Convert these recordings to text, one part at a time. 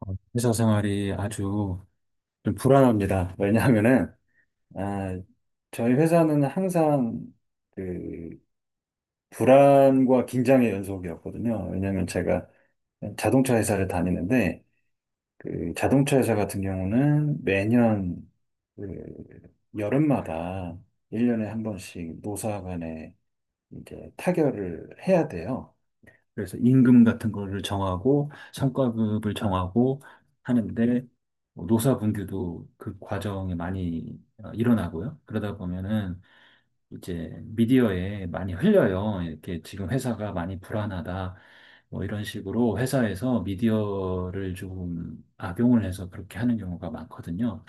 회사 생활이 아주 좀 불안합니다. 왜냐하면은, 아, 저희 회사는 항상 그 불안과 긴장의 연속이었거든요. 왜냐하면 제가 자동차 회사를 다니는데, 그 자동차 회사 같은 경우는 매년 그 여름마다 일년에한 번씩 노사 간에 이제 타결을 해야 돼요. 그래서 임금 같은 거를 정하고 성과급을 정하고 하는데 뭐 노사분규도 그 과정에 많이 일어나고요. 그러다 보면은 이제 미디어에 많이 흘려요. 이렇게 지금 회사가 많이 불안하다. 뭐 이런 식으로 회사에서 미디어를 조금 악용을 해서 그렇게 하는 경우가 많거든요.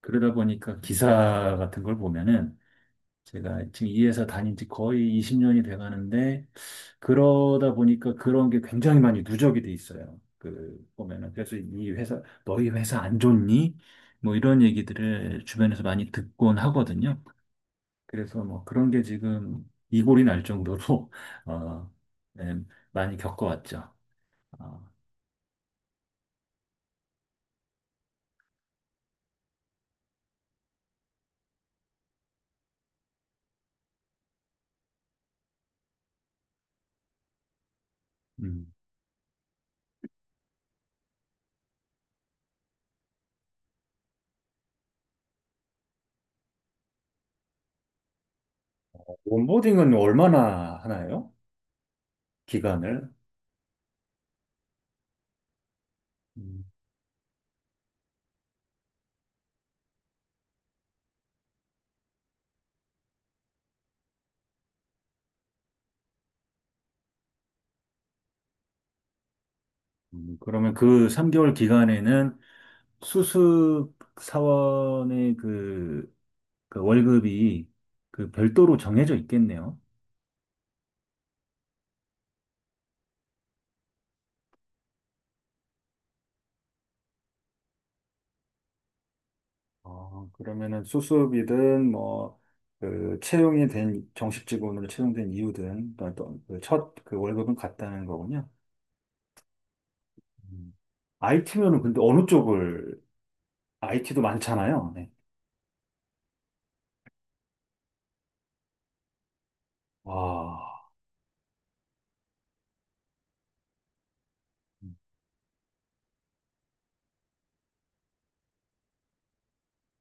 그러다 보니까 기사 같은 걸 보면은 제가 지금 이 회사 다닌 지 거의 20년이 돼 가는데, 그러다 보니까 그런 게 굉장히 많이 누적이 돼 있어요. 보면은. 그래서 이 회사, 너희 회사 안 좋니? 뭐 이런 얘기들을 주변에서 많이 듣곤 하거든요. 그래서 뭐 그런 게 지금 이골이 날 정도로, 어, 네, 많이 겪어왔죠. 어, 음. 온보딩은 얼마나 하나요? 기간을? 음, 그러면 그 3개월 기간에는 수습 사원의 그 월급이 별도로 정해져 있겠네요. 그러면은 수습이든 뭐, 채용이 된, 정식 직원으로 채용된 이유든, 어떤 그 월급은 같다는 거군요. 음. IT면은 근데 어느 쪽을, IT도 많잖아요. 네. 와,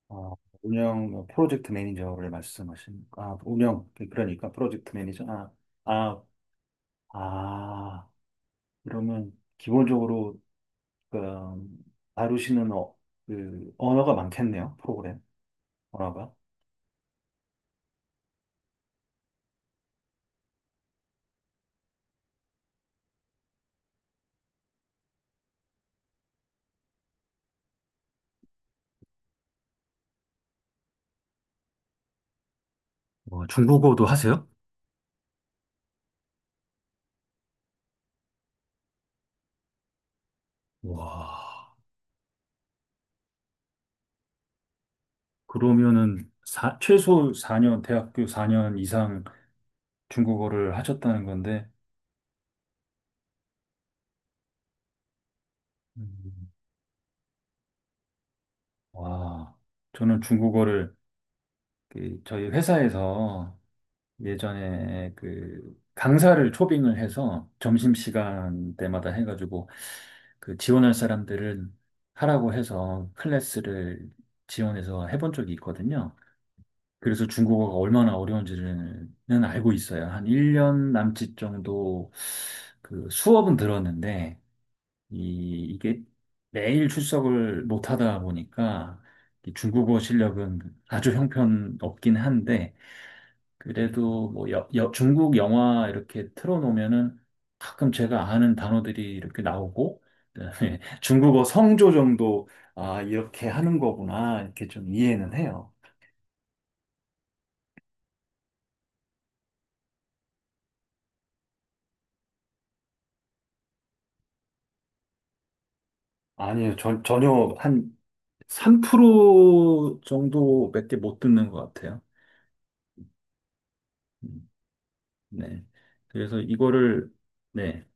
아, 운영, 뭐 프로젝트 매니저를 말씀하신, 운영, 그러니까 프로젝트 매니저, 아, 아. 그러면 기본적으로 그, 음, 다루시는 그 언어가 많겠네요. 프로그램 언어가. 와, 중국어도 하세요? 와, 그러면은 최소 4년, 대학교 4년 이상 중국어를 하셨다는 건데, 음, 와, 저는 중국어를 그 저희 회사에서 예전에 그 강사를 초빙을 해서 점심시간 때마다 해가지고 그 지원할 사람들을 하라고 해서 클래스를 지원해서 해본 적이 있거든요. 그래서 중국어가 얼마나 어려운지는 알고 있어요. 한 1년 남짓 정도 그 수업은 들었는데 이게 매일 출석을 못 하다 보니까 이 중국어 실력은 아주 형편없긴 한데 그래도 뭐 중국 영화 이렇게 틀어놓으면은 가끔 제가 아는 단어들이 이렇게 나오고 그다음에 중국어 성조 정도 아 이렇게 하는 거구나 이렇게 좀 이해는 해요. 아니요 전혀 한 3% 정도밖에 못 듣는 것 같아요. 음, 네. 그래서 이거를 네.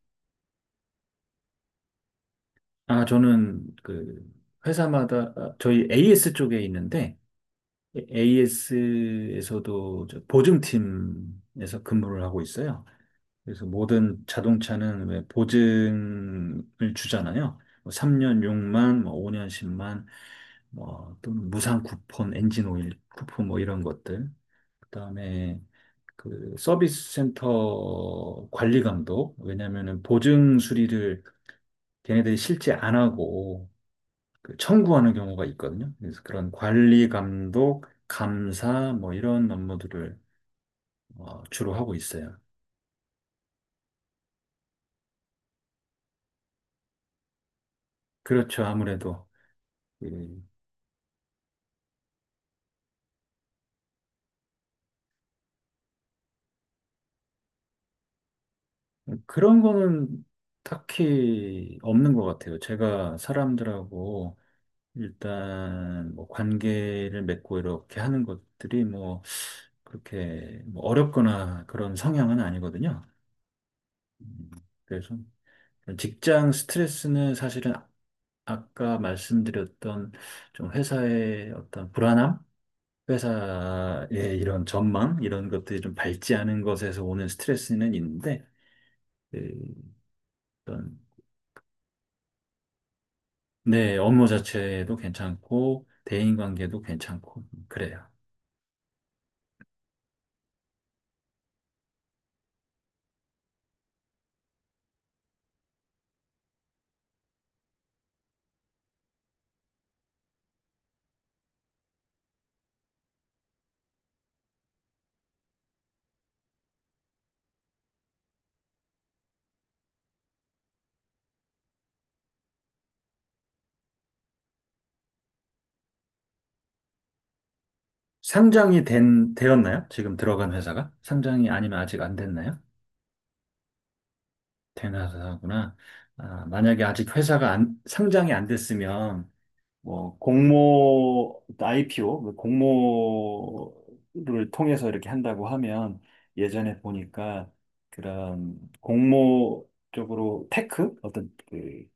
아 저는 회사마다 저희 AS 쪽에 있는데 AS에서도 보증팀에서 근무를 하고 있어요. 그래서 모든 자동차는 왜 보증을 주잖아요. 뭐 3년 6만, 뭐 5년 10만, 뭐 또는 무상 쿠폰, 엔진 오일 쿠폰 뭐 이런 것들. 그다음에 그 서비스 센터 관리 감독. 왜냐면은 보증 수리를 걔네들이 실제 안 하고 청구하는 경우가 있거든요. 그래서 그런 관리 감독, 감사 뭐 이런 업무들을 주로 하고 있어요. 그렇죠. 아무래도 그, 그런 거는 딱히 없는 것 같아요. 제가 사람들하고 일단 뭐 관계를 맺고 이렇게 하는 것들이 뭐 그렇게 뭐 어렵거나 그런 성향은 아니거든요. 음, 그래서 직장 스트레스는 사실은 아까 말씀드렸던 좀 회사의 어떤 불안함, 회사의 이런 전망, 이런 것들이 좀 밝지 않은 것에서 오는 스트레스는 있는데, 그 어떤, 네, 업무 자체도 괜찮고, 대인관계도 괜찮고, 그래요. 상장이 되었나요? 지금 들어간 회사가? 상장이 아니면 아직 안 됐나요? 된 회사구나. 아, 만약에 아직 회사가 안, 상장이 안 됐으면, 뭐 공모 IPO, 공모를 통해서 이렇게 한다고 하면 예전에 보니까 그런 공모 쪽으로 테크 어떤 그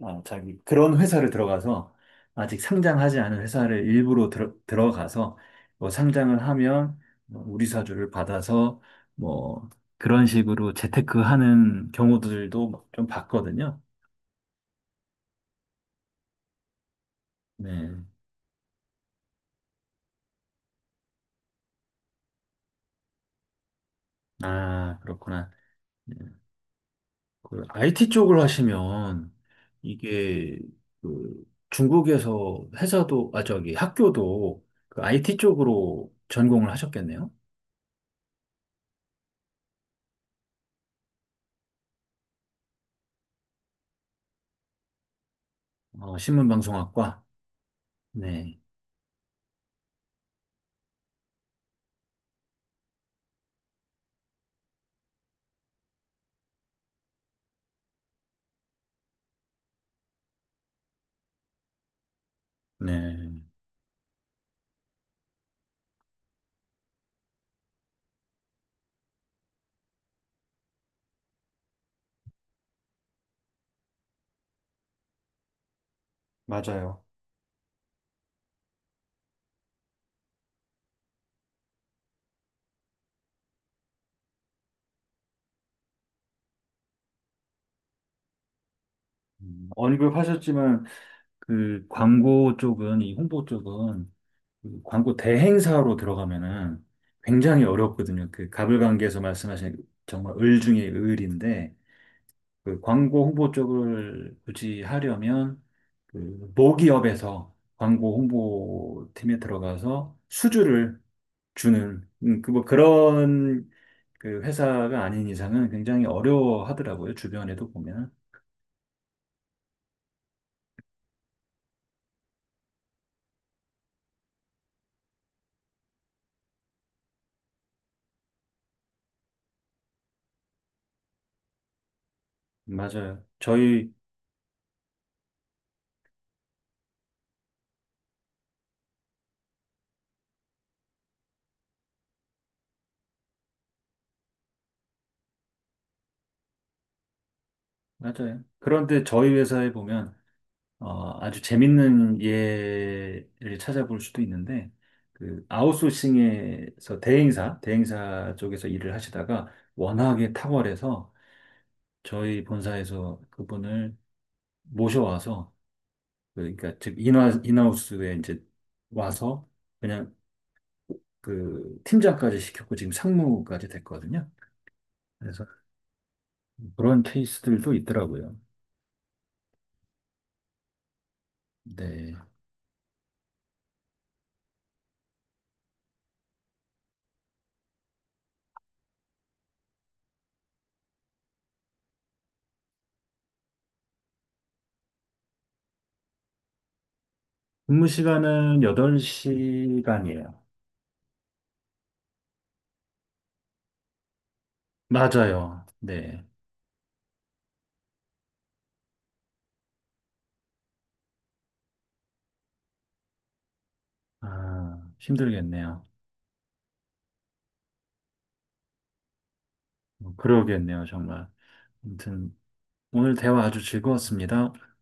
아, 자기 그런 회사를 들어가서 아직 상장하지 않은 회사를 일부러 들어가서 뭐 상장을 하면 뭐 우리 사주를 받아서 뭐 그런 식으로 재테크하는 경우들도 좀 봤거든요. 네. 아, 그렇구나. 네. 그 IT 쪽을 하시면 이게 그 중국에서 회사도 아 저기 학교도 그 IT 쪽으로 전공을 하셨겠네요. 신문방송학과. 네. 네. 맞아요. 언급하셨지만 그 광고 쪽은 이 홍보 쪽은 그 광고 대행사로 들어가면은 굉장히 어렵거든요. 그 가불관계에서 말씀하신 정말 을 중에 을인데 그 광고 홍보 쪽을 굳이 하려면 그 모기업에서 광고 홍보팀에 들어가서 수주를 주는 그뭐 그런 그 회사가 아닌 이상은 굉장히 어려워하더라고요. 주변에도 보면. 맞아요. 저희 맞아요. 그런데 저희 회사에 보면 아주 재밌는 예를 찾아볼 수도 있는데 그 아웃소싱에서 대행사 쪽에서 일을 하시다가 워낙에 탁월해서 저희 본사에서 그분을 모셔와서 그러니까 즉 인하 인하우스에 이제 와서 그냥 팀장까지 시켰고 지금 상무까지 됐거든요. 그래서 그런 케이스들도 있더라고요. 네. 근무 시간은 8시간이에요. 맞아요. 네. 아, 힘들겠네요. 뭐 그러겠네요, 정말. 아무튼 오늘 대화 아주 즐거웠습니다.